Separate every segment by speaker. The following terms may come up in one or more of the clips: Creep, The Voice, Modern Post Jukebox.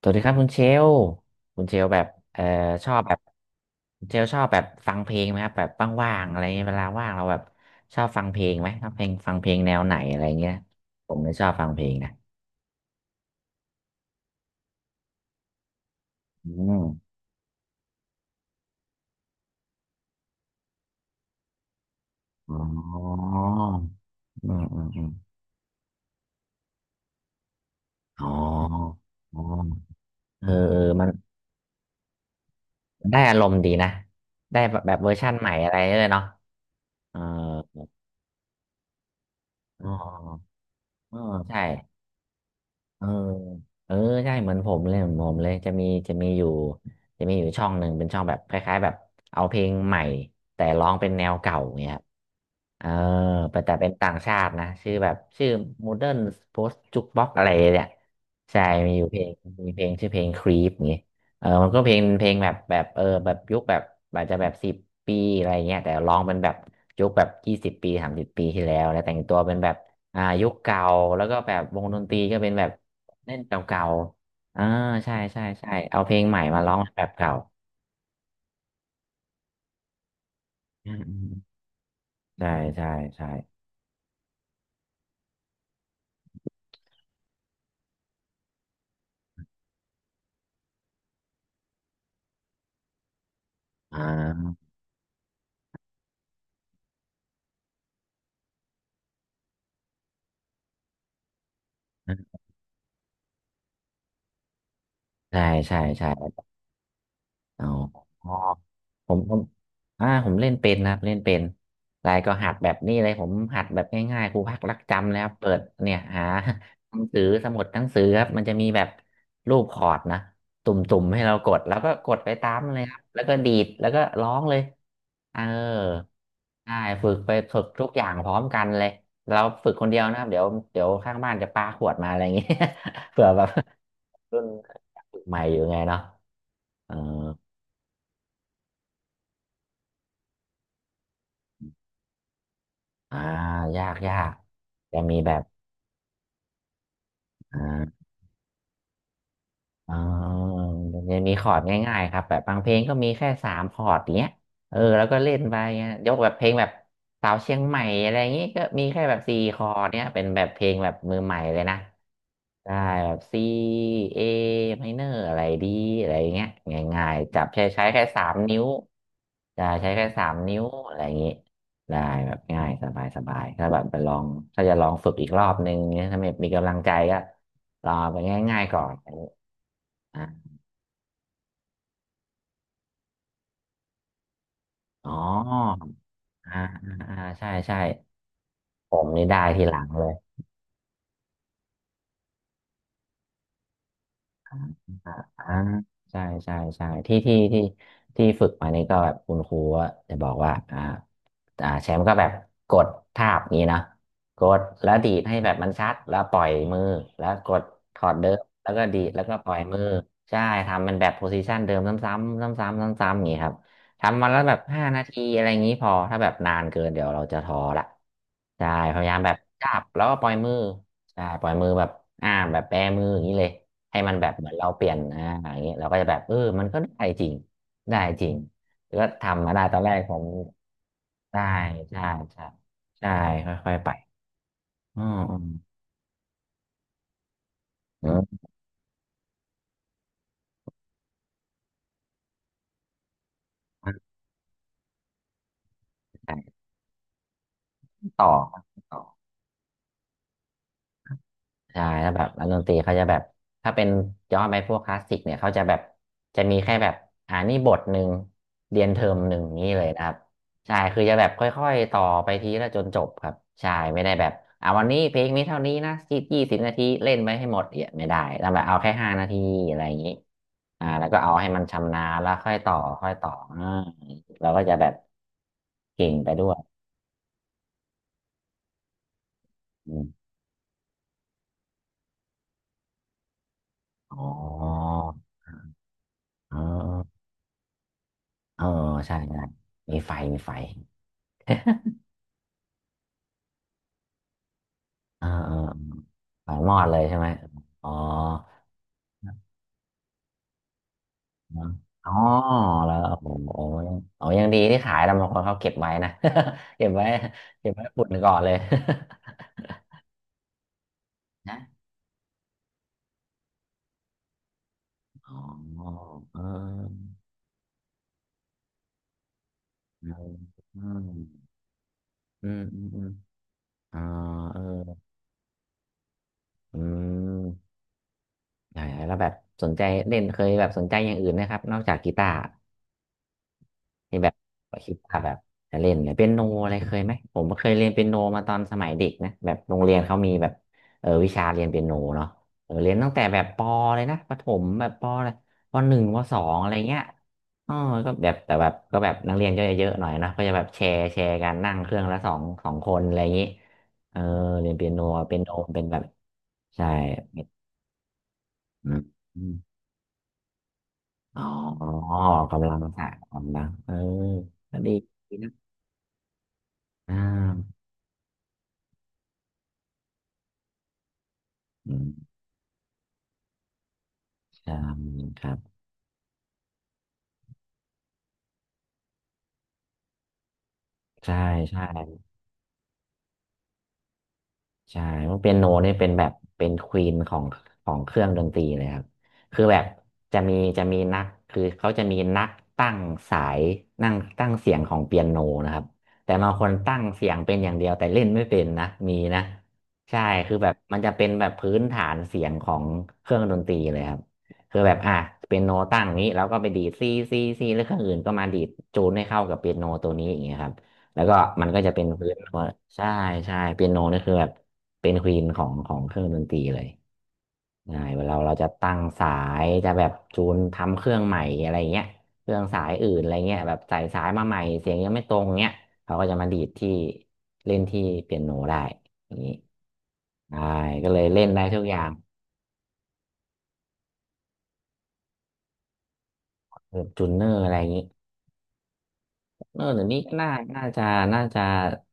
Speaker 1: สวัสดีครับคุณเชลล์คุณเชลล์แบบเอ่อชอบแบบคุณเชลล์ชอบแบบฟังเพลงไหมครับแบบว่างๆอะไรเงี้ยเวลาว่างเราแบบชอบฟังเพลงไหมชอบเพลงฟังเพลงแนวไหนอะไรเงี้ยผมเลยชอบฟังเพลงนะอืมอ๋ออืมอืมอืมอ๋ออ๋อเออเออมันได้อารมณ์ดีนะได้แบบแบบเวอร์ชั่นใหม่อะไรเลยเนาะเอออ๋อเอ๋อใช่ เออเออใช่เหมือนผมเลยเหมือนผมเลยจะมีจะมีอยู่จะมีอยู่ช่องหนึ่งเป็นช่องแบบคล้ายๆแบบเอาเพลงใหม่แต่ร้องเป็นแนวเก่าเงี้ยครับเออแต่เป็นต่างชาตินะชื่อแบบชื่อ Modern Post Jukebox อะไรเนี่ยใช่มีอยู่เพลงมีเพลงชื่อเพลง Creep เงี้ยเออมันก็เพลงเพลงแบบแบบเออแบบยุคแบบอาจจะแบบสิบปีอะไรเงี้ยแต่ร้องเป็นแบบยุคแบบ20 ปี30 ปีที่แล้วแล้วแต่งตัวเป็นแบบอ่ายุคเก่าแล้วก็แบบวงดนตรีก็เป็นแบบ เล่นเก่าๆอ่าใช่ใช่ใช่เอาเพลงใหม่มาร้องแบบเก่าอืมอืมใช่ใช่ใช่อ่าใช่ใช่ใช่ อ๋อผมอ่าผมเล่นเป็นนะครับเล่นเป็นรายก็หัดแบบนี้เลยผมหัดแบบง่ายๆครูพักรักจำนะครับเปิดเนี่ยหาหนังสือสมุดหนังสือครับมันจะมีแบบรูปคอร์ดนะตุ่มๆให้เรากดแล้วก็กดไปตามมันเลยครับแล้วก็ดีดแล้วก็ร้องเลยเออใช่ฝึกไปฝึกทุกอย่างพร้อมกันเลยเราฝึกคนเดียวนะครับเดี๋ยวเดี๋ยวข้างบ้านจะปาขวดมาอะไรอย่างงี้ เผื่อแบบรุ่นฝึกใหม่อยู่ไงเนาะเออ อ่ายากยากจะมีแบบอ่าออจะมีคอร์ดง่ายๆครับแบบบางเพลงก็มีแค่3 คอร์ดเนี้ยเออแล้วก็เล่นไปเงี้ยยกแบบเพลงแบบสาวเชียงใหม่อะไรอย่างงี้ก็มีแค่แบบ4 คอร์ดเนี้ยเป็นแบบเพลงแบบมือใหม่เลยนะ ได้แบบ C A minor อะไรดีอะไรเงี้ยง่ายๆจับใช้แค่สามนิ้วจะใช้แค่สามนิ้วอะไรอย่างงี้ได้แบบง่ายสบายสบายถ้าแบบไปลองถ้าจะลองฝึกอีกรอบนึงเนี่ยถ้าไม่มีกำลังใจก็ลองไปง่ายๆก่อนอะไรอย่างงี้อ่ะอ๋ออ่าอ่าอ่าใช่ใช่ผมนี่ได้ทีหลังเลย อ่าใช่ใช่ใช่ที่ที่ฝึกมานี่ก็แบบคุณครูก็จะบอกว่าอ่าอ่าแชมป์ก็แบบกดทาบนี้นะกดแล้วดีดให้แบบมันชัดแล้วปล่อยมือแล้วกดถอดเดิมแล้วก็ดีดแล้วก็ปล่อยมือใช่ทำมันแบบโพซิชันเดิมซ้ำๆซ้ำๆซ้ำๆอย่างนี้ครับทำมาแล้วแบบห้านาทีอะไรอย่างนี้พอถ้าแบบนานเกินเดี๋ยวเราจะท้อละใช่พยายามแบบจับแล้วก็ปล่อยมือใช่ปล่อยมือแบบอ่าแบบแบมืออย่างนี้เลย ให้มันแบบเหมือนเราเปลี่ยนอ่าอย่างเงี้ยเราก็จะแบบเออมันก็ได้จริงได้จริงก็ทำมาได้ตอนแรกผมได้ใช่ใช่ใช่ค่อยๆไปอืมอืมอืมต่อต่อ ใช่แล้วแบบนักดนตรีเขาจะแบบถ้าเป็นย้อนไปพวกคลาสสิกเนี่ยเขาจะแบบจะมีแค่แบบอ่านี่บทหนึ่งเรียนเทอมหนึ่งนี้เลยนะครับใช่คือจะแบบค่อยๆต่อไปทีละจนจบครับใช่ไม่ได้แบบอ่าวันนี้เพลงนี้เท่านี้นะ20 นาทีเล่นไปให้หมดเนี่ยไม่ได้แล้วแบบเอาแค่ห้านาทีอะไรอย่างนี้อ่าแล้วก็เอาให้มันชำนาญแล้วค่อยต่อค่อยต่ออ่าเราก็จะแบบเก่งไปด้วยอมอ๋ออ๋อ เออใช่ใช่มีไฟมีไฟเออเออเออไฟมอดเลยใช่ไหมอ๋ออ๋อแล้วโอ้โหโอ้ยังดีที่ขายแล้วบางคนเขาเก็บไว้นะ เก็บไว้เก็บไว้ปุ่นก่อนเลย นะอ๋อเออเอออืมอืมอืมอืมอ๋อเอออืมใช่แล้วแบบสนใจเล่นเคยแบบสนใจอย่างอื่นนะครับนอกจากกีตาร์ ที่แบบคิดว่าแบบจะเล่นเลยเปียโนอะไรเคยไหมผมเคยเรียนเปียโนมาตอนสมัยเด็กนะแบบโรงเรียนเขามีแบบเออวิชาเรียนเปียโนเนาะเออเรียนตั้งแต่แบบปเลยนะประถมแบบปเลยปหนึ่งปสองอะไรเงี้ยอ๋อก็แบบแต่แบบก็แบบนักเรียนก็จะเยอะหน่อยนะก็จะแบบแชร์แชร์กันนั่งเครื่องละสองสองคนอะไรอย่างนี้เออเรียนเปียโนเปียโนเป็นแบบใช่อืมอมอ๋อกำลังสะกำลังเออก็ดีนะอ่า อืมใช่ครับใช่ใช่ใช่ว่าเปียโนนี่เป็นแบบเป็นควีนของของเครื่องดนตรีเลยครับคือแบบจะมีจะมีนักคือเขาจะมีนักตั้งสายนั่งตั้งเสียงของเปียโนนะครับแต่บางคนตั้งเสียงเป็นอย่างเดียวแต่เล่นไม่เป็นนะมีนะใช่คือแบบมันจะเป็นแบบพื้นฐานเสียงของเครื่องดนตรีเลยครับคือแบบอ่ะเปียโนตั้งนี้แล้วก็ไปดีดซีซีซีแล้วเครื่องอื่นก็มาดีดจูนให้เข้ากับเปียโนตัวนี้อย่างเงี้ยครับ แล้วก็มันก็จะเป็นพื้นใช่ใช่เปียโนนี่คือแบบเป็นควีนของของเครื่องดนตรีเลยใช่เวลาเราจะตั้งสายจะแบบจูนทำเครื่องใหม่อะไรเงี้ยเครื่องสายอื่นอะไรเงี้ยแบบใส่สายมาใหม่เสียงยังไม่ตรงเงี้ยเขาก็จะมาดีดที่เล่นที่เปียโนได้อย่างนี้ใช่ก็เลยเล่นได้ทุกอย่างแบบจูนเนอร์อะไรอย่างนี้เออเดี๋ยวนี้ก็น่าน่าจะน่าจะ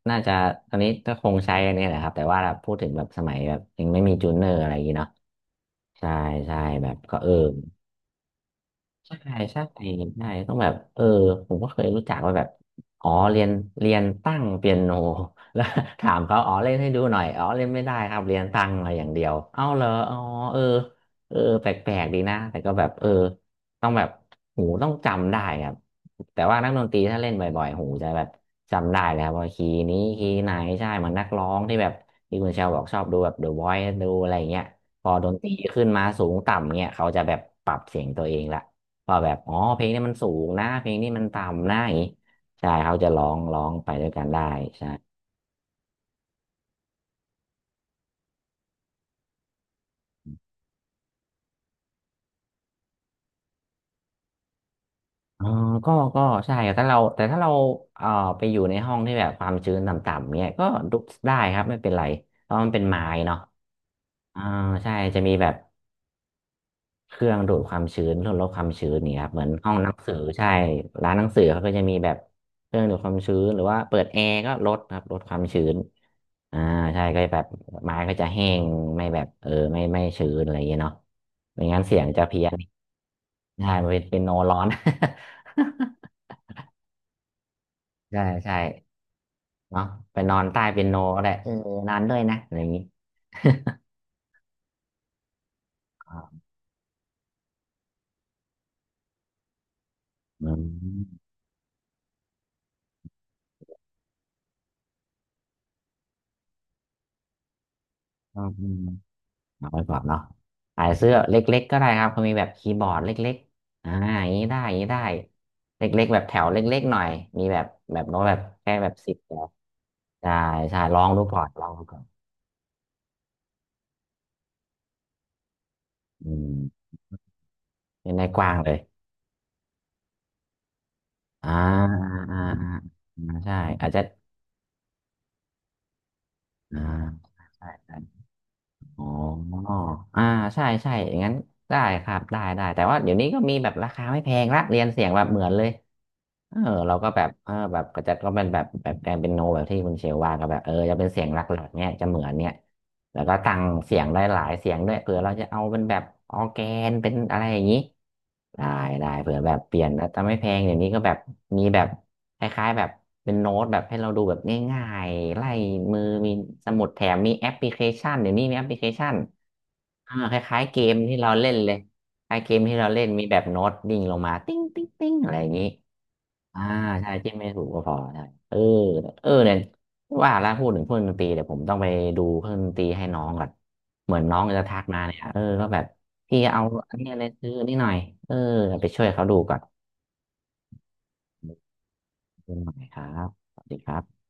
Speaker 1: น่าจะตอนนี้ก็คงใช้อันนี้แหละครับแต่ว่าแบบพูดถึงแบบสมัยแบบยังไม่มีจูนเนอร์อะไรอย่างนี้เนาะ ใช่ใช่แบบก็เออ ใช่ใช่ใช่ต้องแบบเออผมก็เคยรู้จักว่าแบบอ๋อเรียนเรียนตั้งเปียโน แล้ว ถามเขาอ๋อเล่นให้ดูหน่อยอ๋อเล่นไม่ได้ครับเรียนตั้งมาอย่างเดียวเอ้าเหรออ๋อเออเออแปลกๆดีนะแต่ก็แบบเออต้องแบบหูต้องจำได้ครับแต่ว่านักดนตรีถ้าเล่นบ่อยๆหูจะแบบจำได้แล้วว่าคีย์นี้คีย์ไหนใช่เหมือนนักร้องที่แบบที่คุณเชลบอกชอบดูแบบ The Voice ดูอะไรเงี้ยพอดนตรีขึ้นมาสูงต่ำเนี่ยเขาจะแบบปรับเสียงตัวเองละ ว่าแบบอ๋อเพลงนี้มันสูงนะเพลงนี้มันต่ำนะอย่างนี้ใช่เขาจะร้องร้องไปด้วยกันได้ใช่ออก็ก็ใช่ครับถ้าเราแต่ถ้าเราเอ่อไปอยู่ในห้องที่แบบความชื้นต่ำๆเนี่ยก็ดูได้ครับไม่เป็นไรเพราะมันเป็นไม้เนาะอ่าใช่จะมีแบบเครื่องดูดความชื้นลดความชื้นนี่ครับเหมือนห้องหนังสือใช่ร้านหนังสือเขาก็จะมีแบบเครื่องดูดความชื้นหรือว่าเปิดแอร์ก็ลดครับลดความชื้น อ่าใช่ก็แบบไม้ก็จะแห้งไม่แบบเออไม่ชื้นอะไรอย่างเงี้ยเนาะไม่งั้นเสียงจะเพี้ยนใช่มันเป็นเป็นโนร้อน ใช่ใช่เนาะไปนอนใต้เป็นโนก็ได้เออนอนด้วยนะอะไรอย่างงี้ อืมอืมอืมเอาไปก่อนเนาะขายเสื้อเล็กๆก็ได้ครับเขามีแบบคีย์บอร์ดเล็กๆอ่าอย่างนี้ได้อย่างนี้ได้เล็กๆแบบแถวเล็กๆหน่อยมีแบบแบบโน้ตแบบแค่แบบ10แถวใช่ใช่ลองดูก่อนลองดูก่อนอืม เน้นได้กว้างเลยอ่าอ่าอ่าอ่าใช่อาจจะอ่าใช่ใช่อ๋ออ่าใช่ใช่อย่างนั้น ได้ครับได้ได้ แต่ว่าเดี๋ยวนี้ก็มีแบบราคาไม่แพงละเรียนเสียงแบบเหมือนเลย เออเราก็แบบเออแบบก็จะก็เป็นแบบแบบแกนเป็นโนแบบที่คุณเชลว่าก็แบบเออจะเป็นเสียงหลักๆเนี่ยจะเหมือนเนี่ยแล้วก็ตั้งเสียงได้หลายเสียงด้วยเผื่อเราจะเอาเป็นแบบออร์แกนเป็นอะไรอย่างนี้ได้ได้เผื่อแบบเปลี่ยนแต่ไม่แพงเดี๋ยวนี้ก็แบบมีแบบคล้ายๆแบบเป็นโน้ตแบบให้เราดูแบบง่ายๆไล่มือมีสมุดแถมมีแอปพลิเคชันเดี๋ยวนี้มีแอปพลิเคชันอ่าคล้ายๆเกมที่เราเล่นเลยคล้ายเกมที่เราเล่นมีแบบโน้ตดิ่งลงมาติ้งติ้งติ้งอะไรอย่างนี้ อ่าใช่จิ้มไม่ถูกก็พอใช่เออเออเนี่ยว่าแล้วพูดถึงเครื่องดนตรีเดี๋ยวผมต้องไปดูเครื่องดนตรีให้น้องก่อนเหมือนน้องจะทักมาเนี่ยเออก็แบบพี่เอาอันนี้อะไรซื้อนี่หน่อยเออไปช่วยเขาดูก่อนดูหน่อยครับสวัสดีครับ